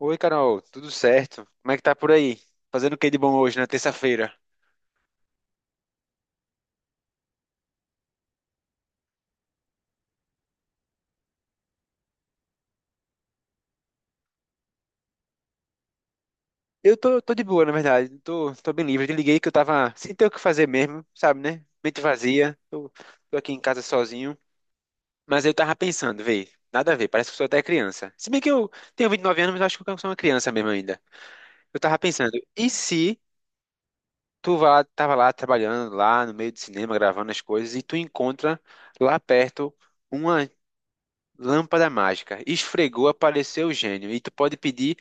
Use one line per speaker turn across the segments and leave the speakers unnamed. Oi, Carol, tudo certo? Como é que tá por aí? Fazendo o que de bom hoje, na terça-feira? Eu tô de boa, na verdade. Tô bem livre. Eu te liguei que eu tava sem ter o que fazer mesmo, sabe, né? Mente vazia. Tô aqui em casa sozinho. Mas eu tava pensando, vê, nada a ver, parece que eu sou até criança. Se bem que eu tenho 29 anos, mas eu acho que eu sou uma criança mesmo ainda. Eu tava pensando, e se tu vá, tava lá trabalhando, lá no meio do cinema, gravando as coisas, e tu encontra lá perto. Uma lâmpada mágica. Esfregou, apareceu o gênio. E tu pode pedir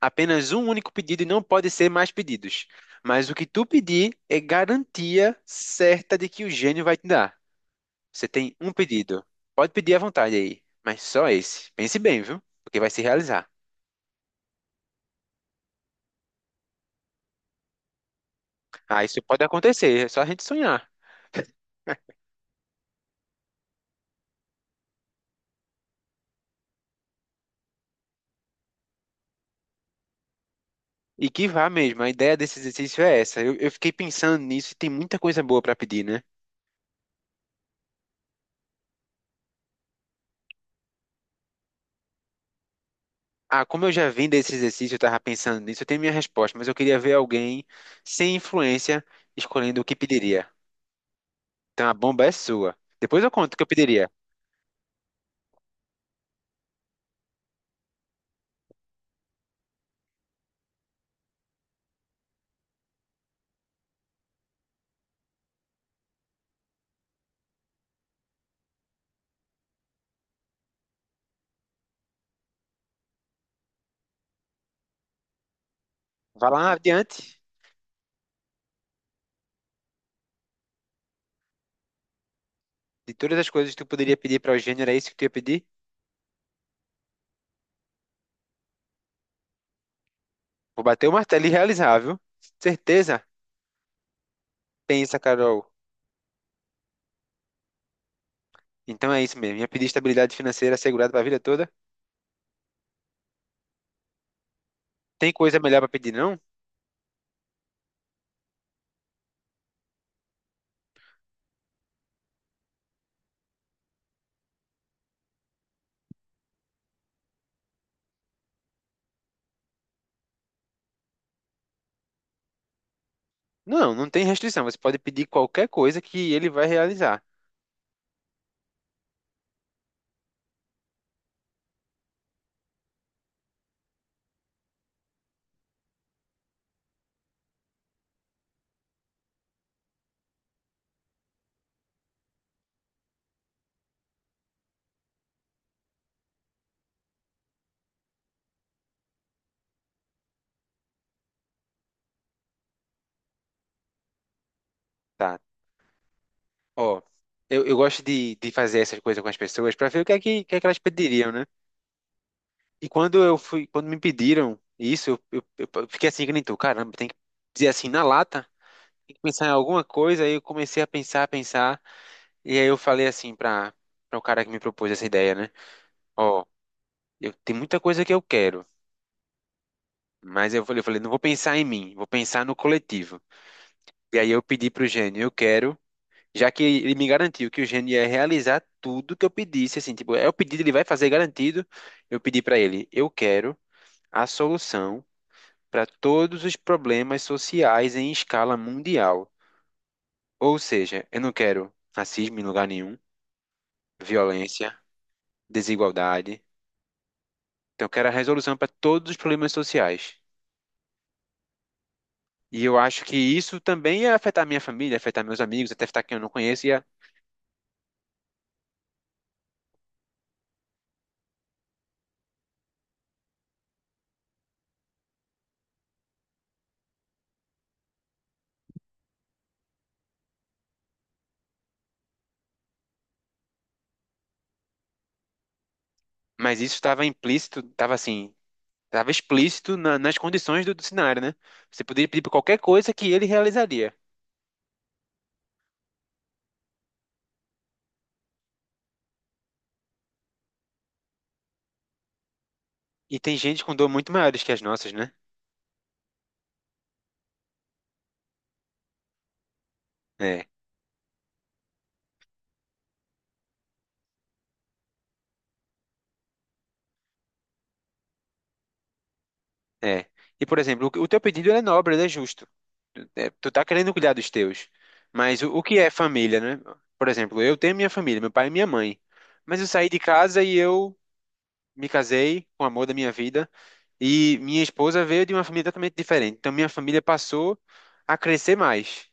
apenas um único pedido e não pode ser mais pedidos. Mas o que tu pedir é garantia certa de que o gênio vai te dar. Você tem um pedido. Pode pedir à vontade aí, mas só esse. Pense bem, viu? Porque vai se realizar. Ah, isso pode acontecer, é só a gente sonhar. E que vá mesmo, a ideia desse exercício é essa. Eu fiquei pensando nisso e tem muita coisa boa para pedir, né? Ah, como eu já vim desse exercício, eu estava pensando nisso, eu tenho minha resposta, mas eu queria ver alguém sem influência escolhendo o que pediria. Então a bomba é sua. Depois eu conto o que eu pediria. Vá lá adiante. De todas as coisas que tu poderia pedir para o Gênero, era isso que tu ia pedir? Vou bater o martelo e realizar, viu? Certeza? Pensa, Carol. Então é isso mesmo. Ia pedir estabilidade financeira assegurada para a vida toda. Tem coisa melhor para pedir, não? Não, não tem restrição. Você pode pedir qualquer coisa que ele vai realizar. Tá. Ó, eu gosto de fazer essas coisas com as pessoas para ver o que é que, o que é que elas pediriam, né? E quando eu fui, quando me pediram isso, eu fiquei assim que nem tu, caramba, tem que dizer assim na lata, tem que pensar em alguma coisa. Aí eu comecei a pensar, e aí eu falei assim para o cara que me propôs essa ideia, né? Ó, eu tem muita coisa que eu quero, mas eu falei, não vou pensar em mim, vou pensar no coletivo. E aí eu pedi pro gênio, eu quero. Já que ele me garantiu que o Gênio ia realizar tudo que eu pedisse, assim, tipo, é o pedido, ele vai fazer garantido. Eu pedi para ele, eu quero a solução para todos os problemas sociais em escala mundial. Ou seja, eu não quero racismo em lugar nenhum, violência, desigualdade. Então, eu quero a resolução para todos os problemas sociais. E eu acho que isso também ia afetar minha família, afetar meus amigos, até afetar quem eu não conheço, ia... Mas isso estava implícito, estava assim. Estava explícito na- nas condições do, do cenário, né? Você poderia pedir para qualquer coisa que ele realizaria. E tem gente com dor muito maiores que as nossas, né? É, é. E, por exemplo, o teu pedido ele é nobre, ele é justo. Tu, é, tu tá querendo cuidar dos teus. Mas o que é família, né? Por exemplo, eu tenho minha família, meu pai e minha mãe. Mas eu saí de casa e eu me casei com o amor da minha vida. E minha esposa veio de uma família totalmente diferente. Então, minha família passou a crescer mais.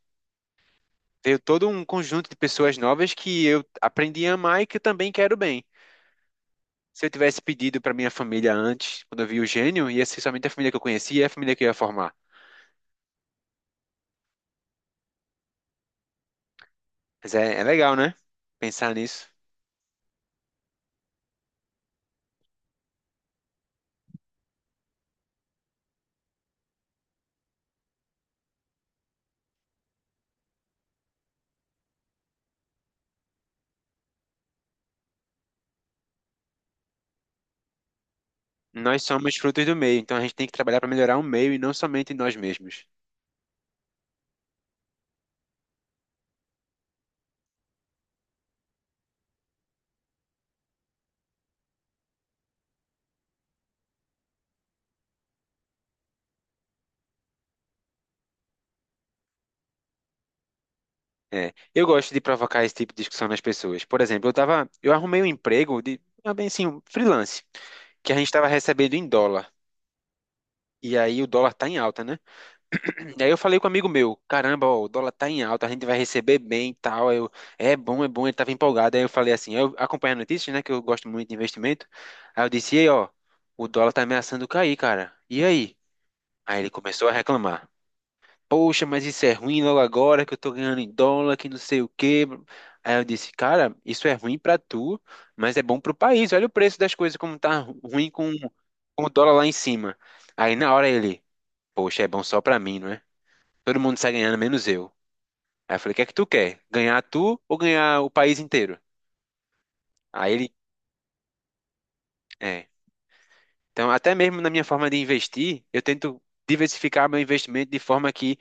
Veio todo um conjunto de pessoas novas que eu aprendi a amar e que eu também quero bem. Se eu tivesse pedido para minha família antes, quando eu vi o gênio, ia ser somente a família que eu conhecia e a família que eu ia formar. Mas é, é legal, né? Pensar nisso. Nós somos frutos do meio, então a gente tem que trabalhar para melhorar o meio e não somente nós mesmos. É, eu gosto de provocar esse tipo de discussão nas pessoas. Por exemplo, eu tava, eu arrumei um emprego de, ah, bem assim, um freelance, que a gente estava recebendo em dólar. E aí o dólar tá em alta, né? Daí eu falei com um amigo meu, caramba, ó, o dólar tá em alta, a gente vai receber bem e tal. Aí eu, é bom, ele tava empolgado. Aí eu falei assim, eu acompanho as notícias, né, que eu gosto muito de investimento. Aí eu disse, e aí, ó, o dólar tá ameaçando cair, cara. E aí? Aí ele começou a reclamar. Poxa, mas isso é ruim logo agora que eu tô ganhando em dólar, que não sei o quê. Aí eu disse, cara, isso é ruim pra tu, mas é bom pro país. Olha o preço das coisas como tá ru- ruim com o dólar lá em cima. Aí na hora ele, poxa, é bom só pra mim, não é? Todo mundo sai ganhando, menos eu. Aí eu falei, o que é que tu quer? Ganhar tu ou ganhar o país inteiro? Aí ele, é. Então, até mesmo na minha forma de investir, eu tento diversificar meu investimento de forma que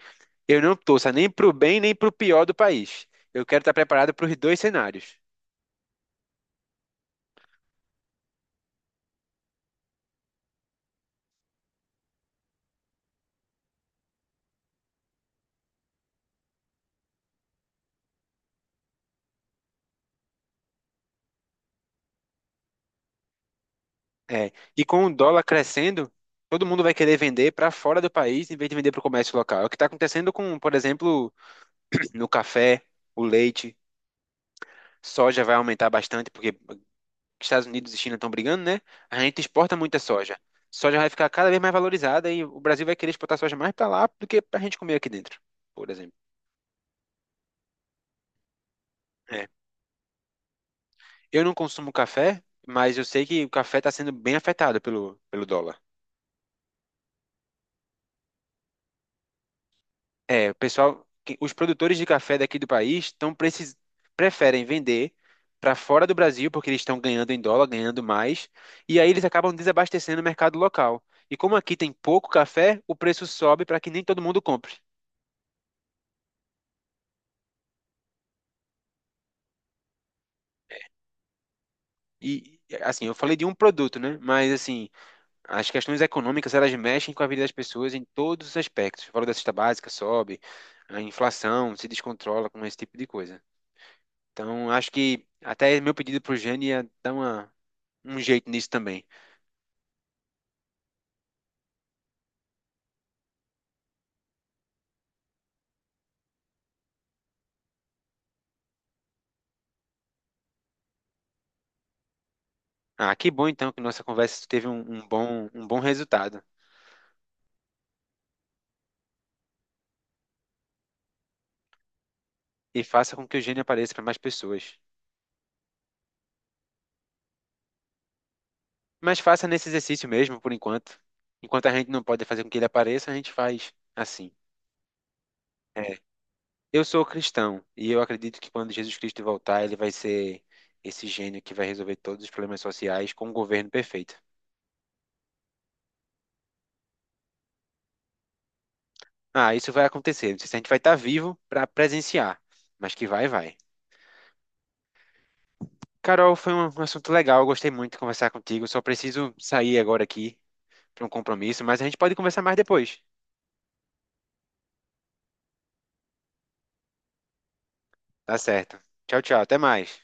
eu não torça nem pro bem nem pro pior do país. Eu quero estar preparado para os dois cenários. É. E com o dólar crescendo, todo mundo vai querer vender para fora do país em vez de vender para o comércio local. É o que está acontecendo com, por exemplo, no café, o leite, soja vai aumentar bastante porque que Estados Unidos e China estão brigando, né? A gente exporta muita soja. Soja vai ficar cada vez mais valorizada e o Brasil vai querer exportar soja mais para lá do que para a gente comer aqui dentro, por exemplo. É. Eu não consumo café, mas eu sei que o café está sendo bem afetado pelo, pelo dólar. É, o pessoal, que- os produtores de café daqui do país estão precis, preferem vender para fora do Brasil porque eles estão ganhando em dólar, ganhando mais, e aí eles acabam desabastecendo o mercado local. E como aqui tem pouco café, o preço sobe para que nem todo mundo compre. E, assim, eu falei de um produto, né? Mas, assim, as questões econômicas, elas mexem com a vida das pessoas em todos os aspectos. O valor da cesta básica sobe, a inflação se descontrola com esse tipo de coisa. Então, acho que até meu pedido pro Jane ia dar uma, um jeito nisso também. Ah, que bom, então, que nossa conversa teve um, um bom resultado. E faça com que o Jane apareça para mais pessoas. Mas faça nesse exercício mesmo, por enquanto. Enquanto a gente não pode fazer com que ele apareça, a gente faz assim. É, eu sou cristão e eu acredito que quando Jesus Cristo voltar, ele vai ser esse gênio que vai resolver todos os problemas sociais com um governo perfeito. Ah, isso vai acontecer. Não sei se a gente vai estar vivo para presenciar, mas que vai, vai. Carol, foi um um assunto legal. Eu gostei muito de conversar contigo. Só preciso sair agora aqui para um compromisso, mas a gente pode conversar mais depois. Tá certo. Tchau, tchau. Até mais.